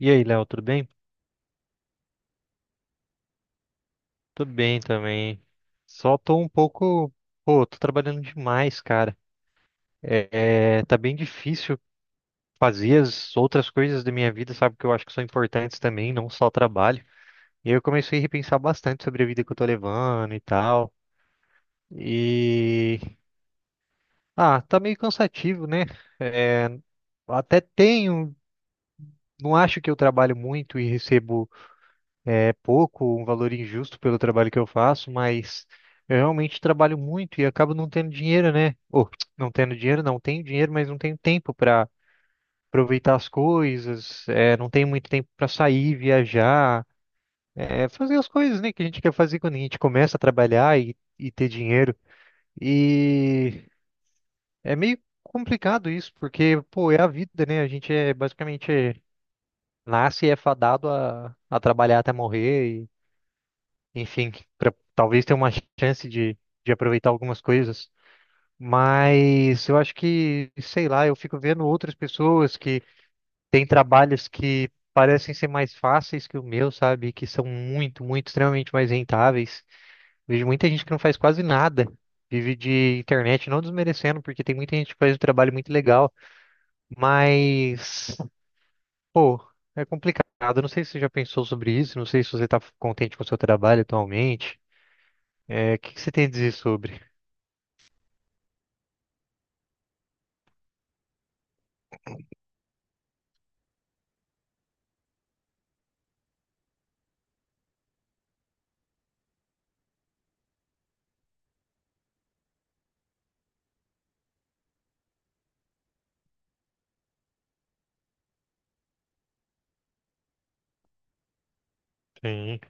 E aí, Léo, tudo bem? Tô bem também. Só tô um pouco. Pô, tô trabalhando demais, cara. Tá bem difícil fazer as outras coisas da minha vida, sabe? Que eu acho que são importantes também, não só o trabalho. E aí eu comecei a repensar bastante sobre a vida que eu tô levando e tal. E. Ah, tá meio cansativo, né? Até tenho. Não acho que eu trabalho muito e recebo pouco, um valor injusto pelo trabalho que eu faço, mas eu realmente trabalho muito e acabo não tendo dinheiro, né? Ou não tendo dinheiro, não tenho dinheiro, mas não tenho tempo para aproveitar as coisas, não tenho muito tempo para sair, viajar, fazer as coisas, né, que a gente quer fazer quando a gente começa a trabalhar e ter dinheiro. E é meio complicado isso, porque, pô, é a vida, né? A gente é basicamente nasce e é fadado a trabalhar até morrer, enfim, para talvez ter uma chance de aproveitar algumas coisas. Mas eu acho que, sei lá, eu fico vendo outras pessoas que têm trabalhos que parecem ser mais fáceis que o meu, sabe? Que são muito, muito, extremamente mais rentáveis. Vejo muita gente que não faz quase nada. Vive de internet, não desmerecendo, porque tem muita gente que faz um trabalho muito legal, mas, pô, é complicado. Eu Não sei se você já pensou sobre isso, não sei se você está contente com o seu trabalho atualmente. É, o que que você tem a dizer sobre? Sim,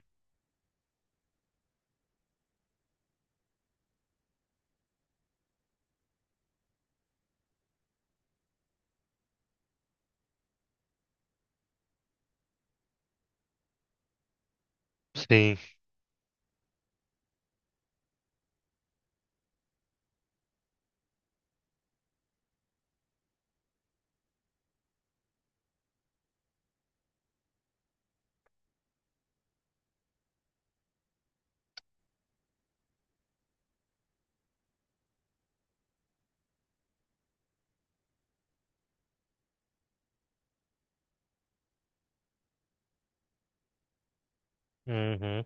sim, uhum,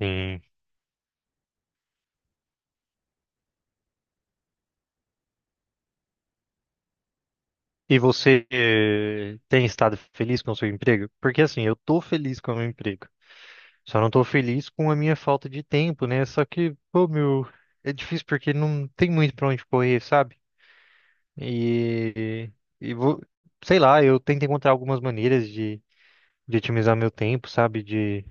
sim. E você tem estado feliz com o seu emprego? Porque assim, eu tô feliz com o meu emprego. Só não tô feliz com a minha falta de tempo, né? Só que, pô, meu, é difícil porque não tem muito pra onde correr, sabe? E, e vou, sei lá, eu tento encontrar algumas maneiras de otimizar meu tempo, sabe?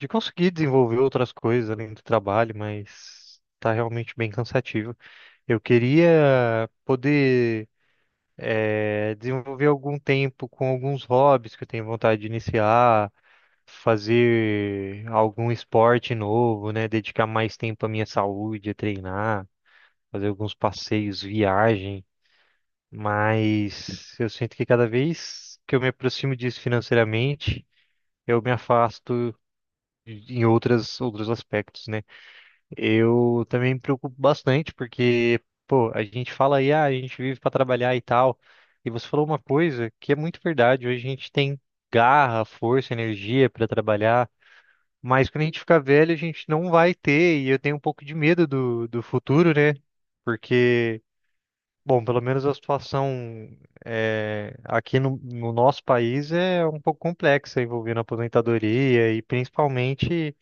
De conseguir desenvolver outras coisas além do trabalho, mas tá realmente bem cansativo. Eu queria poder desenvolver algum tempo com alguns hobbies que eu tenho vontade de iniciar, fazer algum esporte novo, né? Dedicar mais tempo à minha saúde, a treinar, fazer alguns passeios, viagem. Mas eu sinto que cada vez que eu me aproximo disso financeiramente, eu me afasto em outros aspectos, né? Eu também me preocupo bastante, porque, pô, a gente fala aí, ah, a gente vive para trabalhar e tal. E você falou uma coisa que é muito verdade. Hoje a gente tem garra, força, energia para trabalhar, mas quando a gente ficar velho, a gente não vai ter. E eu tenho um pouco de medo do futuro, né? Porque, bom, pelo menos a situação aqui no nosso país é um pouco complexa, envolvendo aposentadoria e principalmente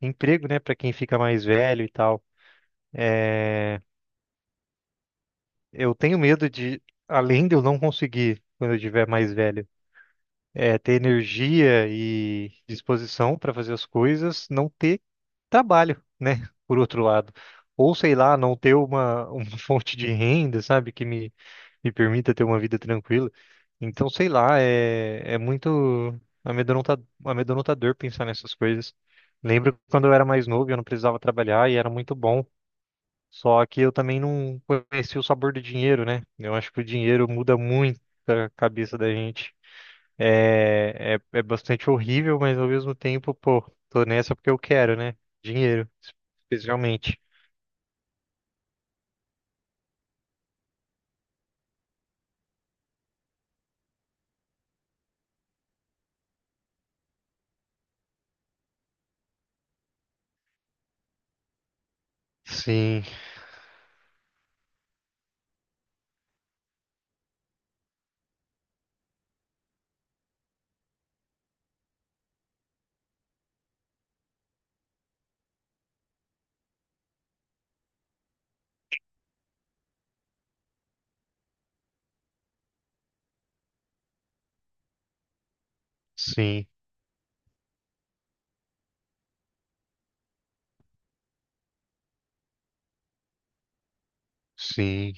emprego, né, para quem fica mais velho e tal. Eu tenho medo de, além de eu não conseguir, quando eu estiver mais velho, ter energia e disposição para fazer as coisas, não ter trabalho, né? Por outro lado. Ou sei lá, não ter uma fonte de renda, sabe? Que me permita ter uma vida tranquila. Então, sei lá, é muito amedrontador pensar nessas coisas. Lembro quando eu era mais novo, eu não precisava trabalhar e era muito bom. Só que eu também não conheci o sabor do dinheiro, né? Eu acho que o dinheiro muda muito a cabeça da gente. É bastante horrível, mas ao mesmo tempo, pô, tô nessa porque eu quero, né? Dinheiro, especialmente. Sim, sim, sim,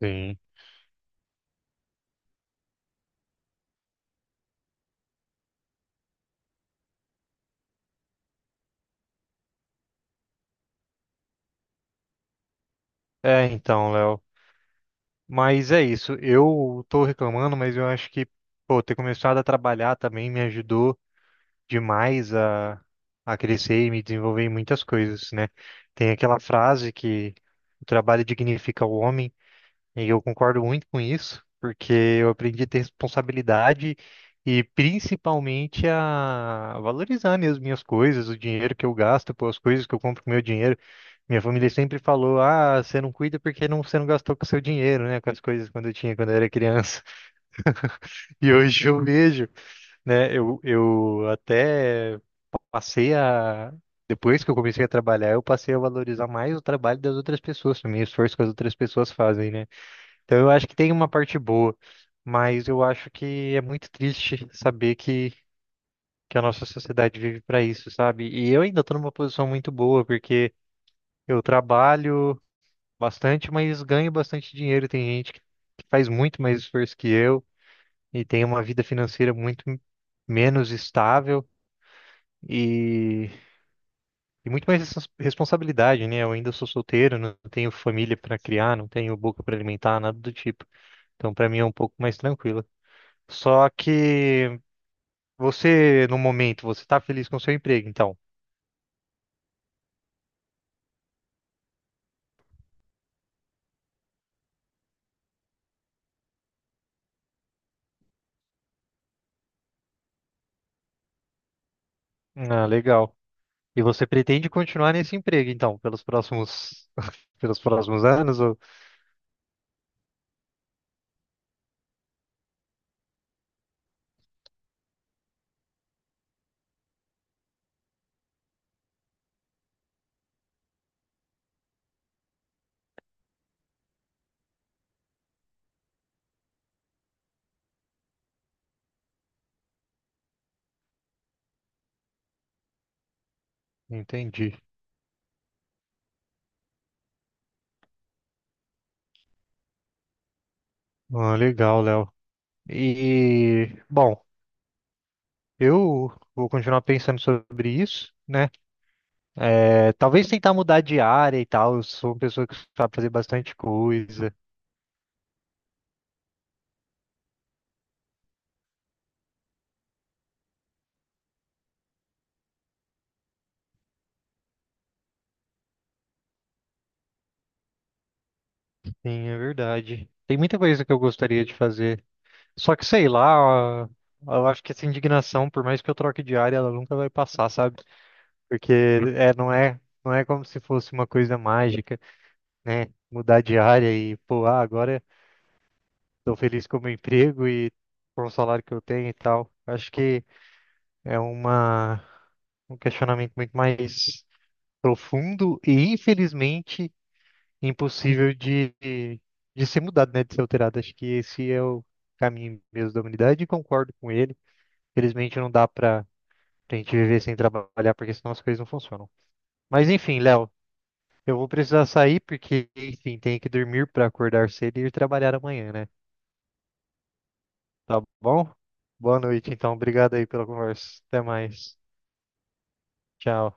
sim. É, então, Léo. Mas é isso. Eu tô reclamando, mas eu acho que, pô, ter começado a trabalhar também me ajudou demais a crescer e me desenvolver em muitas coisas, né? Tem aquela frase que o trabalho dignifica o homem, e eu concordo muito com isso, porque eu aprendi a ter responsabilidade e principalmente a valorizar mesmo minhas coisas, o dinheiro que eu gasto, pô, as coisas que eu compro com meu dinheiro. Minha família sempre falou: ah, você não cuida porque não, você não gastou com o seu dinheiro, né? Com as coisas quando eu tinha, quando eu era criança. E hoje eu vejo, né? Eu até passei a. Depois que eu comecei a trabalhar, eu passei a valorizar mais o trabalho das outras pessoas também, o esforço que as outras pessoas fazem, né? Então eu acho que tem uma parte boa, mas eu acho que é muito triste saber que a nossa sociedade vive para isso, sabe? E eu ainda estou numa posição muito boa, porque eu trabalho bastante, mas ganho bastante dinheiro. Tem gente que faz muito mais esforço que eu e tem uma vida financeira muito menos estável. E E muito mais responsabilidade, né? Eu ainda sou solteiro, não tenho família para criar, não tenho boca para alimentar, nada do tipo. Então, para mim é um pouco mais tranquilo. Só que você, no momento, você está feliz com o seu emprego, então. Ah, legal. E você pretende continuar nesse emprego, então, pelos próximos, pelos próximos anos? Ou... Entendi. Ah, legal, Léo. E, bom, eu vou continuar pensando sobre isso, né? É, talvez tentar mudar de área e tal. Eu sou uma pessoa que sabe fazer bastante coisa. Sim, é verdade. Tem muita coisa que eu gostaria de fazer. Só que sei lá, eu acho que essa indignação, por mais que eu troque de área, ela nunca vai passar, sabe? Porque é, não é como se fosse uma coisa mágica, né? Mudar de área e, pô, ah, agora tô feliz com o meu emprego e com o salário que eu tenho e tal. Acho que é um questionamento muito mais profundo e, infelizmente, impossível de ser mudado, né? De ser alterado. Acho que esse é o caminho mesmo da humanidade e concordo com ele. Felizmente não dá pra gente viver sem trabalhar, porque senão as coisas não funcionam. Mas enfim, Léo, eu vou precisar sair porque, enfim, tenho que dormir pra acordar cedo e ir trabalhar amanhã, né? Tá bom? Boa noite, então. Obrigado aí pela conversa. Até mais. Tchau.